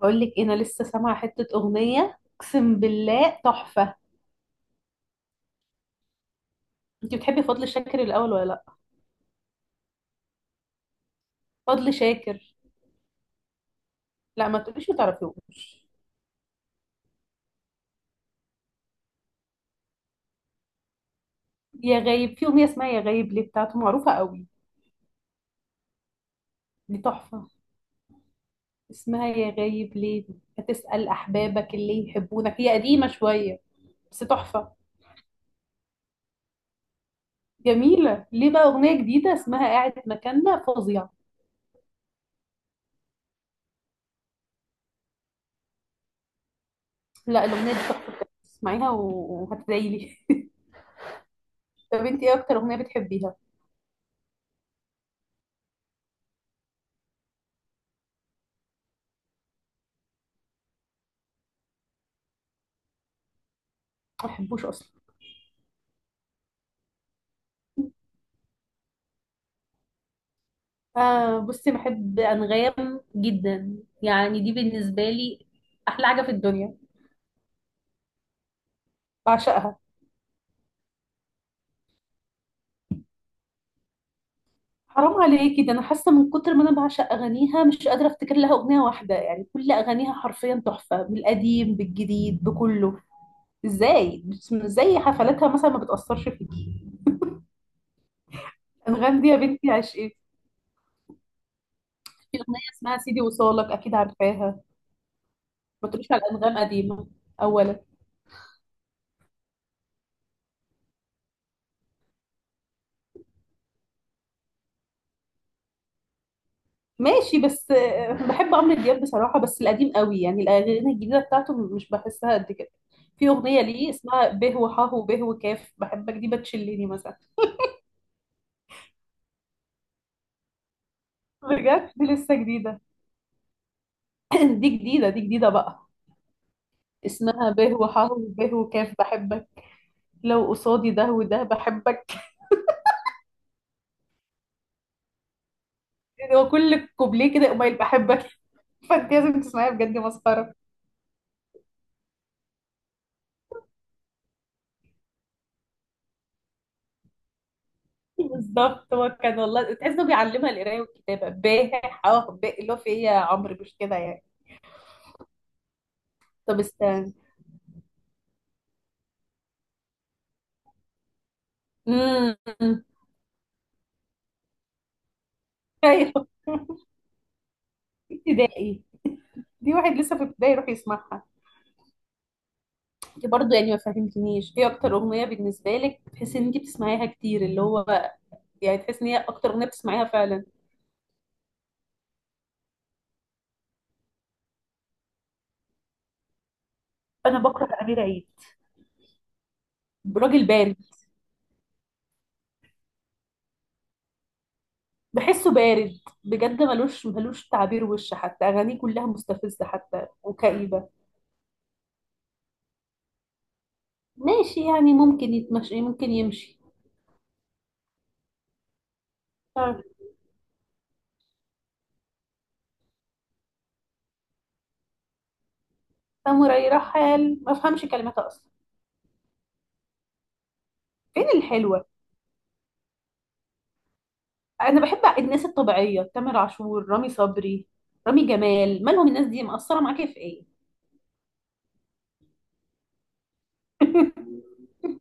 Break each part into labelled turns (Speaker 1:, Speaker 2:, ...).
Speaker 1: بقول لك انا لسه سامعه حته اغنيه اقسم بالله تحفه. انت بتحبي فضل شاكر الاول ولا لا؟ فضل شاكر. لا ما تقوليش ما تعرفيهوش. يا غايب، في اغنيه اسمها يا غايب ليه بتاعته، معروفه قوي. دي تحفه. اسمها يا غايب ليه. هتسال احبابك اللي يحبونك. هي قديمه شويه بس تحفه. جميله. ليه بقى اغنيه جديده اسمها قاعد مكاننا، فظيعه. لا الاغنيه دي تحفه بجد. اسمعيها وهتدعيلي طب انت ايه اكتر اغنيه بتحبيها؟ ما بحبوش اصلا. آه، بصي، بحب أنغام جدا. يعني دي بالنسبة لي أحلى حاجة في الدنيا، بعشقها. حرام عليكي، ده أنا حاسة من كتر ما أنا بعشق أغانيها مش قادرة أفتكر لها أغنية واحدة. يعني كل أغانيها حرفيا تحفة، بالقديم بالجديد بكله. إزاي إزاي حفلاتها مثلا ما بتأثرش فيكي؟ أنغام دي يا بنتي عشقي. في أغنية اسمها سيدي وصالك، أكيد عارفاها. ما تقوليش على أنغام قديمة أولا. ماشي بس آه، بحب عمرو دياب بصراحة، بس القديم قوي. يعني الأغاني الجديدة بتاعته مش بحسها قد كده. في أغنية ليه اسمها به وحاه وبه وكاف بحبك، دي بتشلني مثلا. بجد دي لسه جديدة. دي جديدة، دي جديدة بقى. اسمها به وحاه وبه وكاف بحبك. لو قصادي ده وده بحبك. يعني هو كل كوبليه كده قبيل بحبك. فانت لازم تسمعيها بجد، دي مسخرة. بالظبط، هو كان والله تحس انه بيعلمها القراية والكتابة. به حاه به اللي هو في ايه يا عمرو، مش كده يعني؟ طب استنى. امم ايوه. ابتدائي. دي واحد لسه في ابتدائي يروح يسمعها. انت برضه يعني ما فهمتنيش ايه اكتر اغنيه بالنسبه لك تحسي ان انت بتسمعيها كتير، اللي هو يعني تحسي ان هي اكتر اغنيه بتسمعيها فعلا. انا بكره امير عيد. راجل بارد. بحسه بارد بجد، ملوش ملوش تعبير وش، حتى اغانيه كلها مستفزه حتى وكئيبه. ماشي، يعني ممكن يتمشي، ممكن يمشي. آه، ساموراي رحل ما افهمش كلماتها اصلا. فين الحلوه؟ انا بحب الناس الطبيعيه، تامر عاشور، رامي صبري، رامي جمال. مالهم الناس دي؟ مقصره معاكي في ايه؟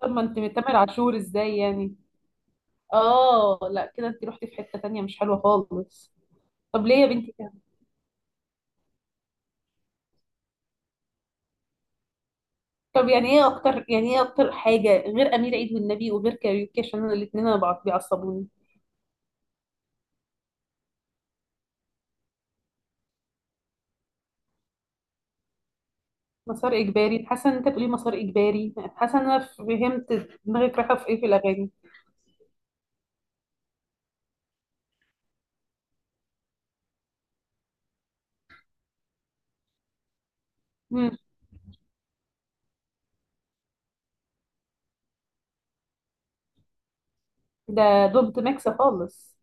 Speaker 1: طب ما انت من تامر عاشور ازاي يعني؟ اه لا كده انت رحتي في حته تانية مش حلوه خالص. طب ليه يا بنتي كده؟ طب يعني ايه اكتر، حاجه غير امير عيد والنبي وغير كاريوكي؟ عشان انا الاثنين انا بيعصبوني. مسار اجباري. حاسه ان انت بتقولي مسار اجباري. حاسه ان انا فهمت دماغك رايحه في ايه في الاغاني. امم. ده دونت ميكس خالص.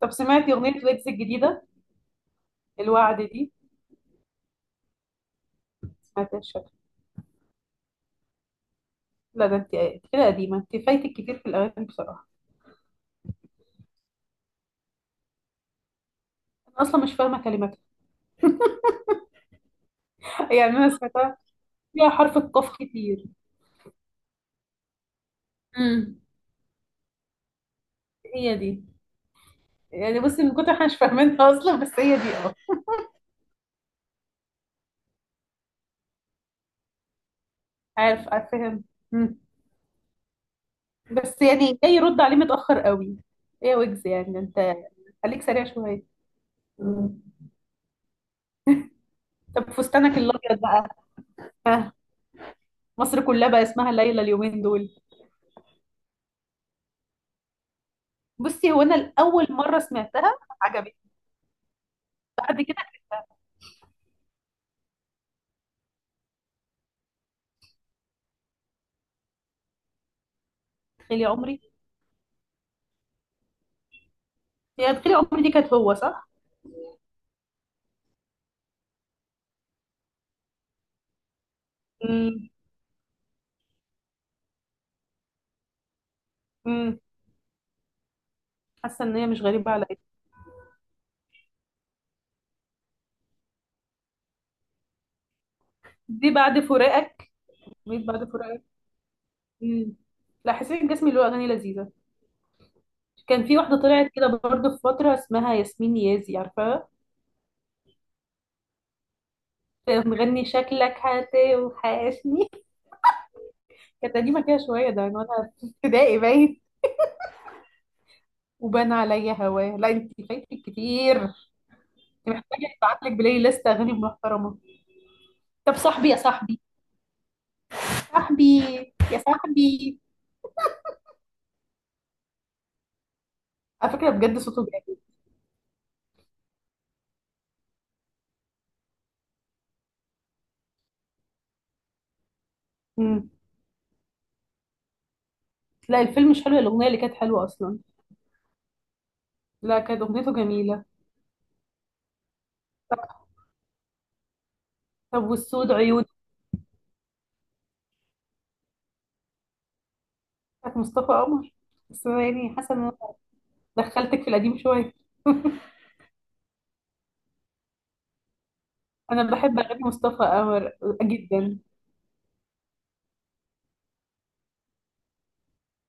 Speaker 1: طب سمعتي اغنيه ويجز الجديده، الوعد دي؟ سمعتهاش شكل. لا ده انت كده قديمه، انت فايتك كتير في الاغاني بصراحه. انا اصلا مش فاهمه كلماتها. يعني انا سمعتها، فيها حرف القاف كتير. امم، هي دي. يعني بصي من كتر احنا مش فاهمينها اصلا، بس هي دي اه. عارف عارف فاهم. مم. بس يعني جاي يرد عليه متاخر قوي. ايه ويجز يعني، انت خليك سريع شويه. مم. طب فستانك الابيض بقى، مصر كلها بقى اسمها ليلى اليومين دول. بصي هو انا الاول مره سمعتها، عجبتني. بعد كده تخيلي عمري. هي بخيل عمري دي كانت هو، صح؟ امم. امم. حاسه ان هي مش غريبه عليا. دي بعد فراقك. جميل بعد فراقك. امم. لا حسين الجسمي له اغاني لذيذه. كان في واحده طلعت كده برضه في فتره اسمها ياسمين نيازي، عارفاها؟ كانت مغني شكلك هاتي وحاشني. كانت قديمه كده شويه، ده من وانا في ابتدائي باين. وبان عليا هواه. لا انت فايتك كتير. انت محتاجه ابعت لك بلاي ليست اغاني محترمه. طب صاحبي يا صاحبي. صاحبي يا صاحبي. على فكره بجد صوته جامد. لا الفيلم مش حلو، الأغنية اللي كانت حلوة أصلا. لا كانت أغنيته جميلة. طب والسود عيون؟ بتاعت مصطفى قمر. بس يعني حاسة إن أنا دخلتك في القديم شوية. أنا بحب أغاني مصطفى قمر جدا.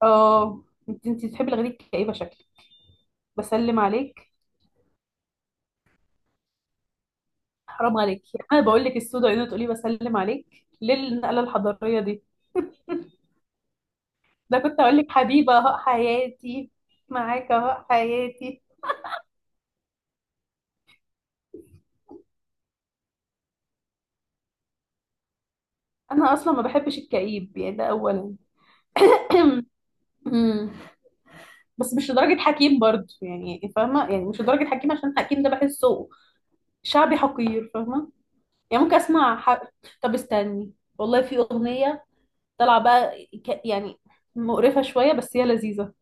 Speaker 1: اه انت بتحبي الأغاني الكئيبة شكل. بسلم عليك. حرام عليك. أنا بقول لك السود عيون تقولي بسلم عليك، ليه النقلة الحضارية دي؟ ده كنت أقول لك حبيبة أهو حياتي. معاك أهو حياتي. أنا أصلا ما بحبش الكئيب يعني ده أولا. بس مش لدرجة حكيم برضه، يعني فاهمة؟ يعني مش لدرجة حكيم، عشان حكيم ده بحسه شعبي حقير، فاهمة؟ يعني ممكن أسمع طب استني. والله في أغنية طالعة بقى، يعني مقرفة شوية بس هي لذيذة.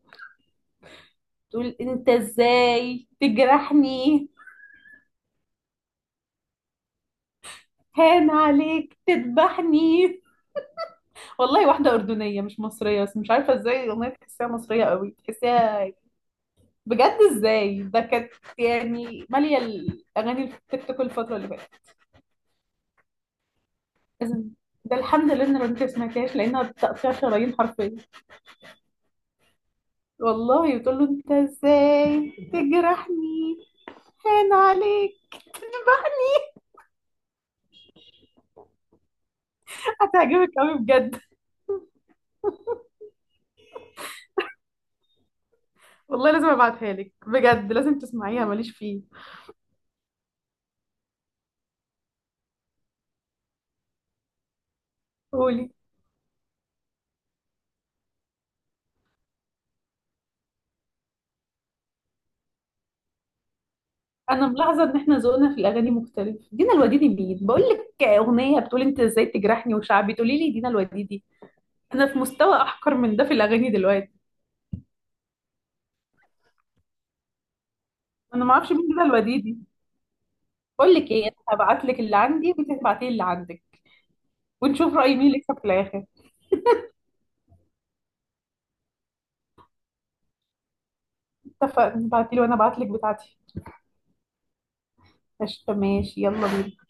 Speaker 1: تقول أنت إزاي تجرحني، هان عليك تذبحني. والله واحدة أردنية مش مصرية، بس مش عارفة إزاي الأغنية تحسيها مصرية قوي، تحسيها بجد إزاي. ده كانت يعني مالية الأغاني التيك توك الفترة اللي فاتت. إذن ده الحمد لله ان بنتي ما سمعتهاش لانها تقطيع شرايين حرفيا. والله بتقول له انت ازاي تجرحني هان عليك. هتعجبك قوي بجد. والله لازم ابعتها لك بجد، لازم تسمعيها. ماليش فيه. قولي. انا ملاحظه ان احنا ذوقنا في الاغاني مختلف. دينا الوديدي مين؟ بقول لك اغنيه بتقول انت ازاي تجرحني وشعبي، تقولي لي دينا الوديدي. انا في مستوى احقر من ده في الاغاني دلوقتي. انا ما اعرفش مين دينا الوديدي. بقول لك ايه، انا هبعت لك اللي عندي وانت تبعتي لي اللي عندك، ونشوف رأي مين اللي يكسب في الآخر. اتفقنا، ابعتيلي وانا ابعتلك بتاعتي. قشطة ماشي، يلا بينا.